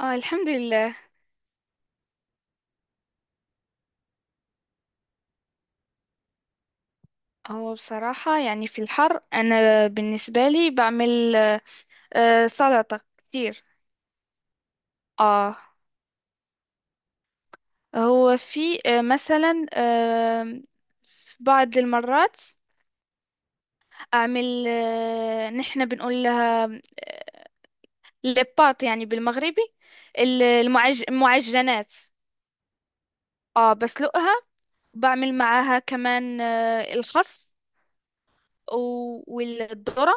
اه الحمد لله. هو بصراحة يعني في الحر أنا بالنسبة لي بعمل سلطة كتير. اه. هو في مثلا في بعض المرات أعمل نحن بنقول لها آه، لباط، يعني بالمغربي المعجنات. اه بسلقها. بعمل معاها كمان الخس والذرة.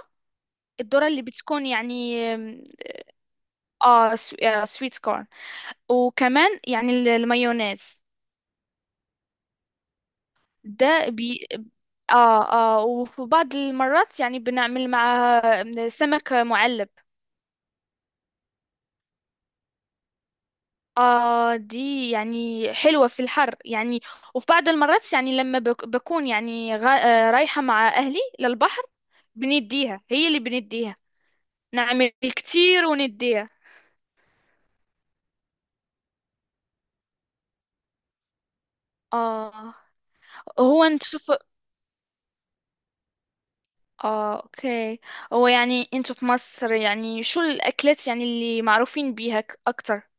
الذرة اللي بتكون يعني اه سويت كورن. وكمان يعني المايونيز ده. اه اه. وفي بعض المرات يعني بنعمل مع سمك معلب. اه دي يعني حلوة في الحر يعني. وفي بعض المرات يعني لما بكون يعني رايحة مع أهلي للبحر. هي اللي بنديها. نعمل كتير ونديها. اه. هو انت شوف. اه اوكي. هو يعني انتوا في مصر يعني شو الأكلات يعني اللي معروفين بيها أكتر؟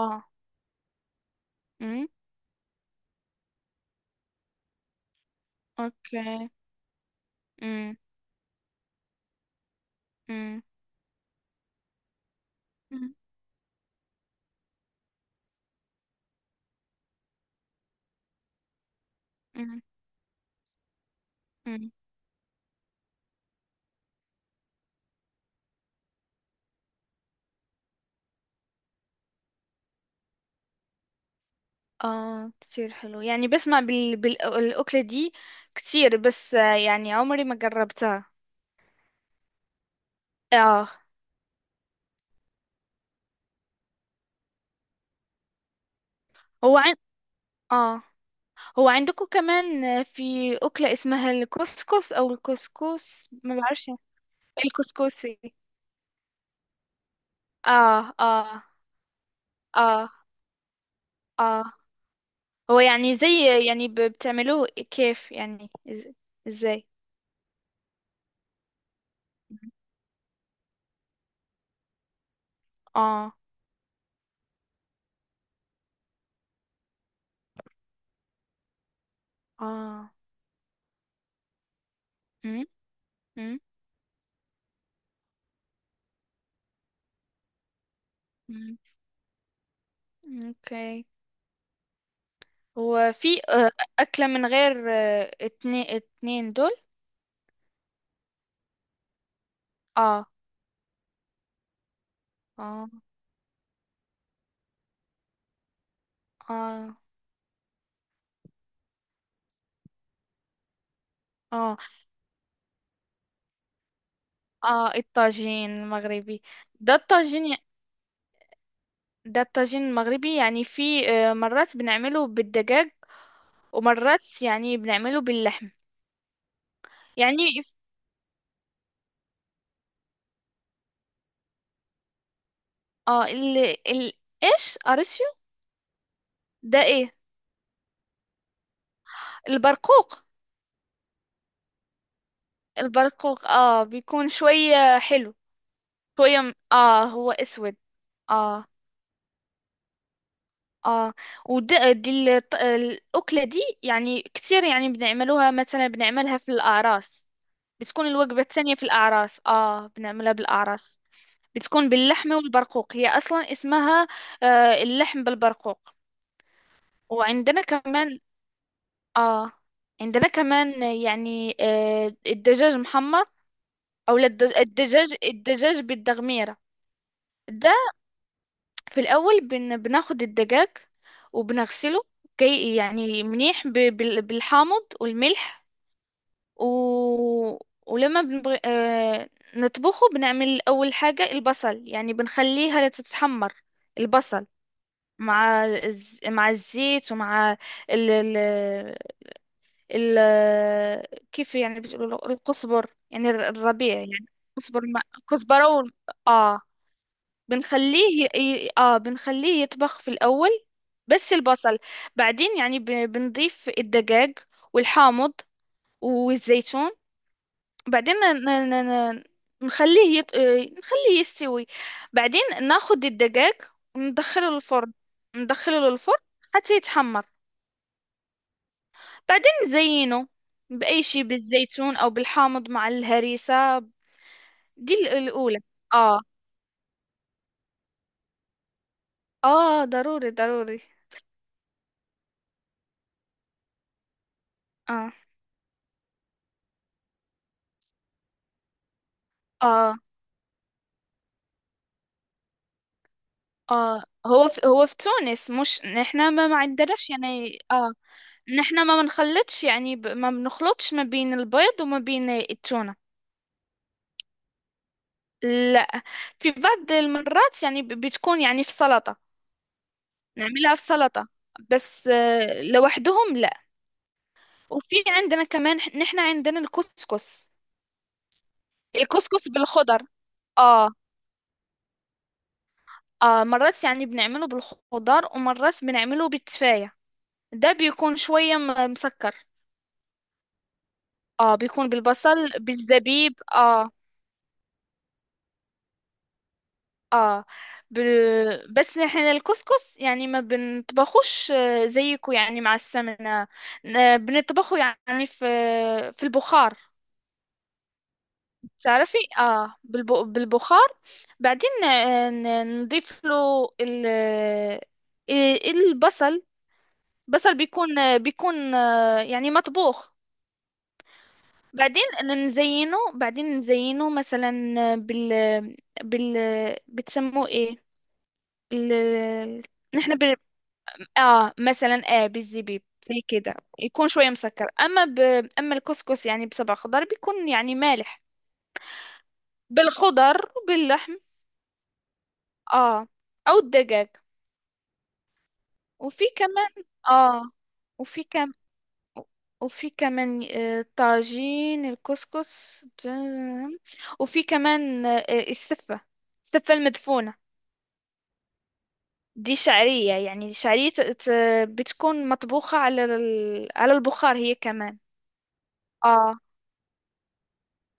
آه. امم. اوكي. امم. امم. مم. امم. أمم. اه كتير حلو، يعني بسمع بالأكلة دي كتير. بس يعني عمري ما جربتها. اه. هو عن... اه. هو عندكم كمان في أكلة اسمها الكسكس، أو الكسكس ما بعرفش؟ الكسكسي. اه اه اه اه. هو يعني زي، يعني بتعملوه كيف يعني ازاي؟ اه اه. امم. اوكي. هو في أكلة من غير اتنين دول؟ اه اه اه. اه اه الطاجين المغربي. ده الطاجين. ده الطاجين المغربي، يعني في مرات بنعمله بالدجاج، ومرات يعني بنعمله باللحم. يعني ف- اه. ال ال ايش اريسيو؟ ده ايه؟ البرقوق. البرقوق اه بيكون شوية حلو. شوية اه هو اسود. اه اه. ودي الأكلة دي يعني كتير، يعني بنعملوها مثلا بنعملها في الأعراس. بتكون الوجبة الثانية في الأعراس، اه بنعملها بالأعراس. بتكون باللحمة والبرقوق، هي أصلا اسمها اللحم بالبرقوق. وعندنا كمان. اه. عندنا كمان يعني الدجاج محمر، أو لا الدجاج بالدغميرة. في الأول بناخد الدجاج وبنغسله، كي يعني منيح بالحامض والملح. و... ولما بنبغ... آه... نطبخه. بنعمل أول حاجة البصل، يعني بنخليها تتحمر، البصل، مع مع الزيت، ومع ال... ال... ال... كيف يعني بتقولوا له؟ القصبر، يعني الربيع يعني. قصبر كزبرة اه. بنخليه اه بنخليه يطبخ في الأول، بس البصل. بعدين، يعني بنضيف الدجاج والحامض والزيتون. بعدين نخليه يط... آه، نخليه يستوي. بعدين ناخد الدجاج وندخله الفرن. ندخله للفرن حتى يتحمر. بعدين نزينه بأي شيء، بالزيتون أو بالحامض مع الهريسة. دي الأولى. اه اه. ضروري ضروري. اه اه اه. هو في تونس مش نحنا. ما عندناش يعني اه. نحنا ما بنخلطش، يعني ما بنخلطش ما بين البيض وما بين التونة. لا. في بعض المرات يعني بتكون يعني في سلطة، نعملها في سلطة. بس لوحدهم لا. وفي عندنا كمان نحنا عندنا الكسكس. الكسكس بالخضر. اه اه. مرات يعني بنعمله بالخضار، ومرات بنعمله بالتفاية. ده بيكون شوية مسكر. اه بيكون بالبصل بالزبيب اه. اه ب... بس نحن الكسكس يعني ما بنطبخوش زيكو، يعني مع السمنة. بنطبخه يعني في البخار. تعرفي، اه بالبخار. بعدين نضيف له ال... آه، البصل. بصل بيكون، يعني مطبوخ. بعدين نزينه مثلا، بال بال بتسموه ايه؟ ال... ال- نحن ب... اه مثلا اه بالزبيب. زي كده يكون شوية مسكر. اما اما الكسكس يعني بسبع خضار بيكون يعني مالح، بالخضر وباللحم اه، او الدجاج. وفي كمان. اه. وفي كم وفي كمان طاجين الكسكس وفي كمان السفة. السفة المدفونة. دي شعرية، يعني شعرية بتكون مطبوخة على البخار هي كمان. اه.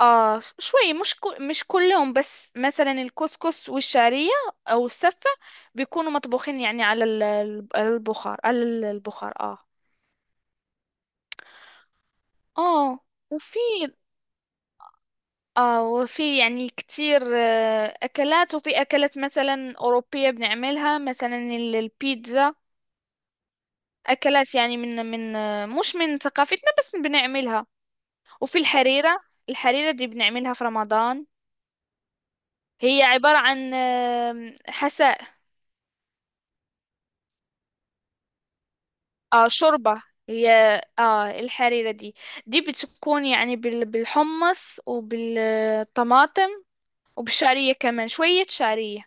اه شوي، مش مش كلهم، بس مثلا الكسكس والشعرية او السفة، بيكونوا مطبوخين، يعني على البخار اه. اه. وفي. يعني كتير اكلات. وفي اكلات مثلا اوروبية بنعملها، مثلا البيتزا. اكلات يعني من من آه، مش من ثقافتنا، بس بنعملها. وفي الحريرة. الحريرة دي بنعملها في رمضان. هي عبارة عن حساء. اه شوربة. هي. اه الحريرة دي، دي بتكون يعني بالحمص وبالطماطم وبالشعرية، كمان شوية شعرية.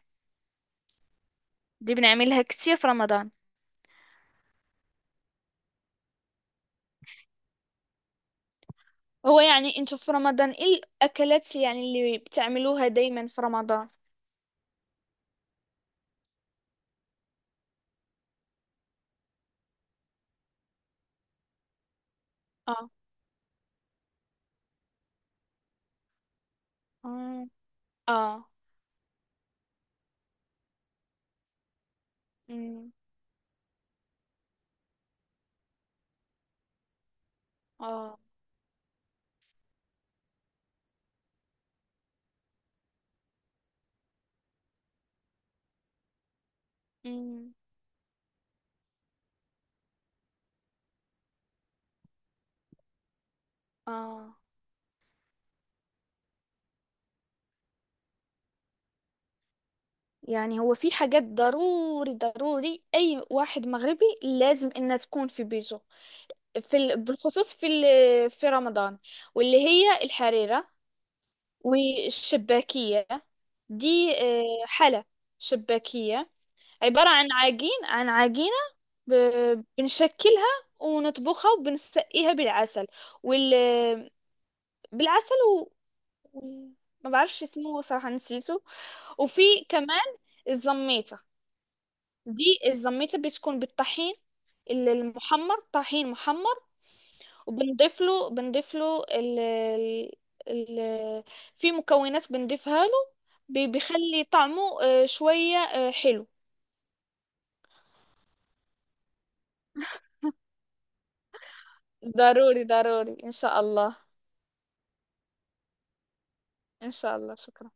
دي بنعملها كتير في رمضان. هو يعني انتوا في رمضان ايه الأكلات يعني اللي بتعملوها دايما في رمضان؟ اه اه اه. أمم. اه أمم. اه يعني هو في حاجات ضروري ضروري أي واحد مغربي لازم إنها تكون في بيته، في بالخصوص في في رمضان، واللي هي الحريرة والشباكية. دي حلة شباكية. عبارة عن عجينة ب... بنشكلها ونطبخها وبنسقيها بالعسل، وال... بالعسل وال- ما بعرفش اسمه صراحة، نسيته. وفي كمان الزميتة. دي الزميتة بتكون بالطحين المحمر، طحين محمر. وبنضيف له بنضيف له ال ال ال- في مكونات بنضيفها له، بيخلي طعمه شوية حلو. ضروري ضروري إن شاء الله. إن شاء الله شكرا.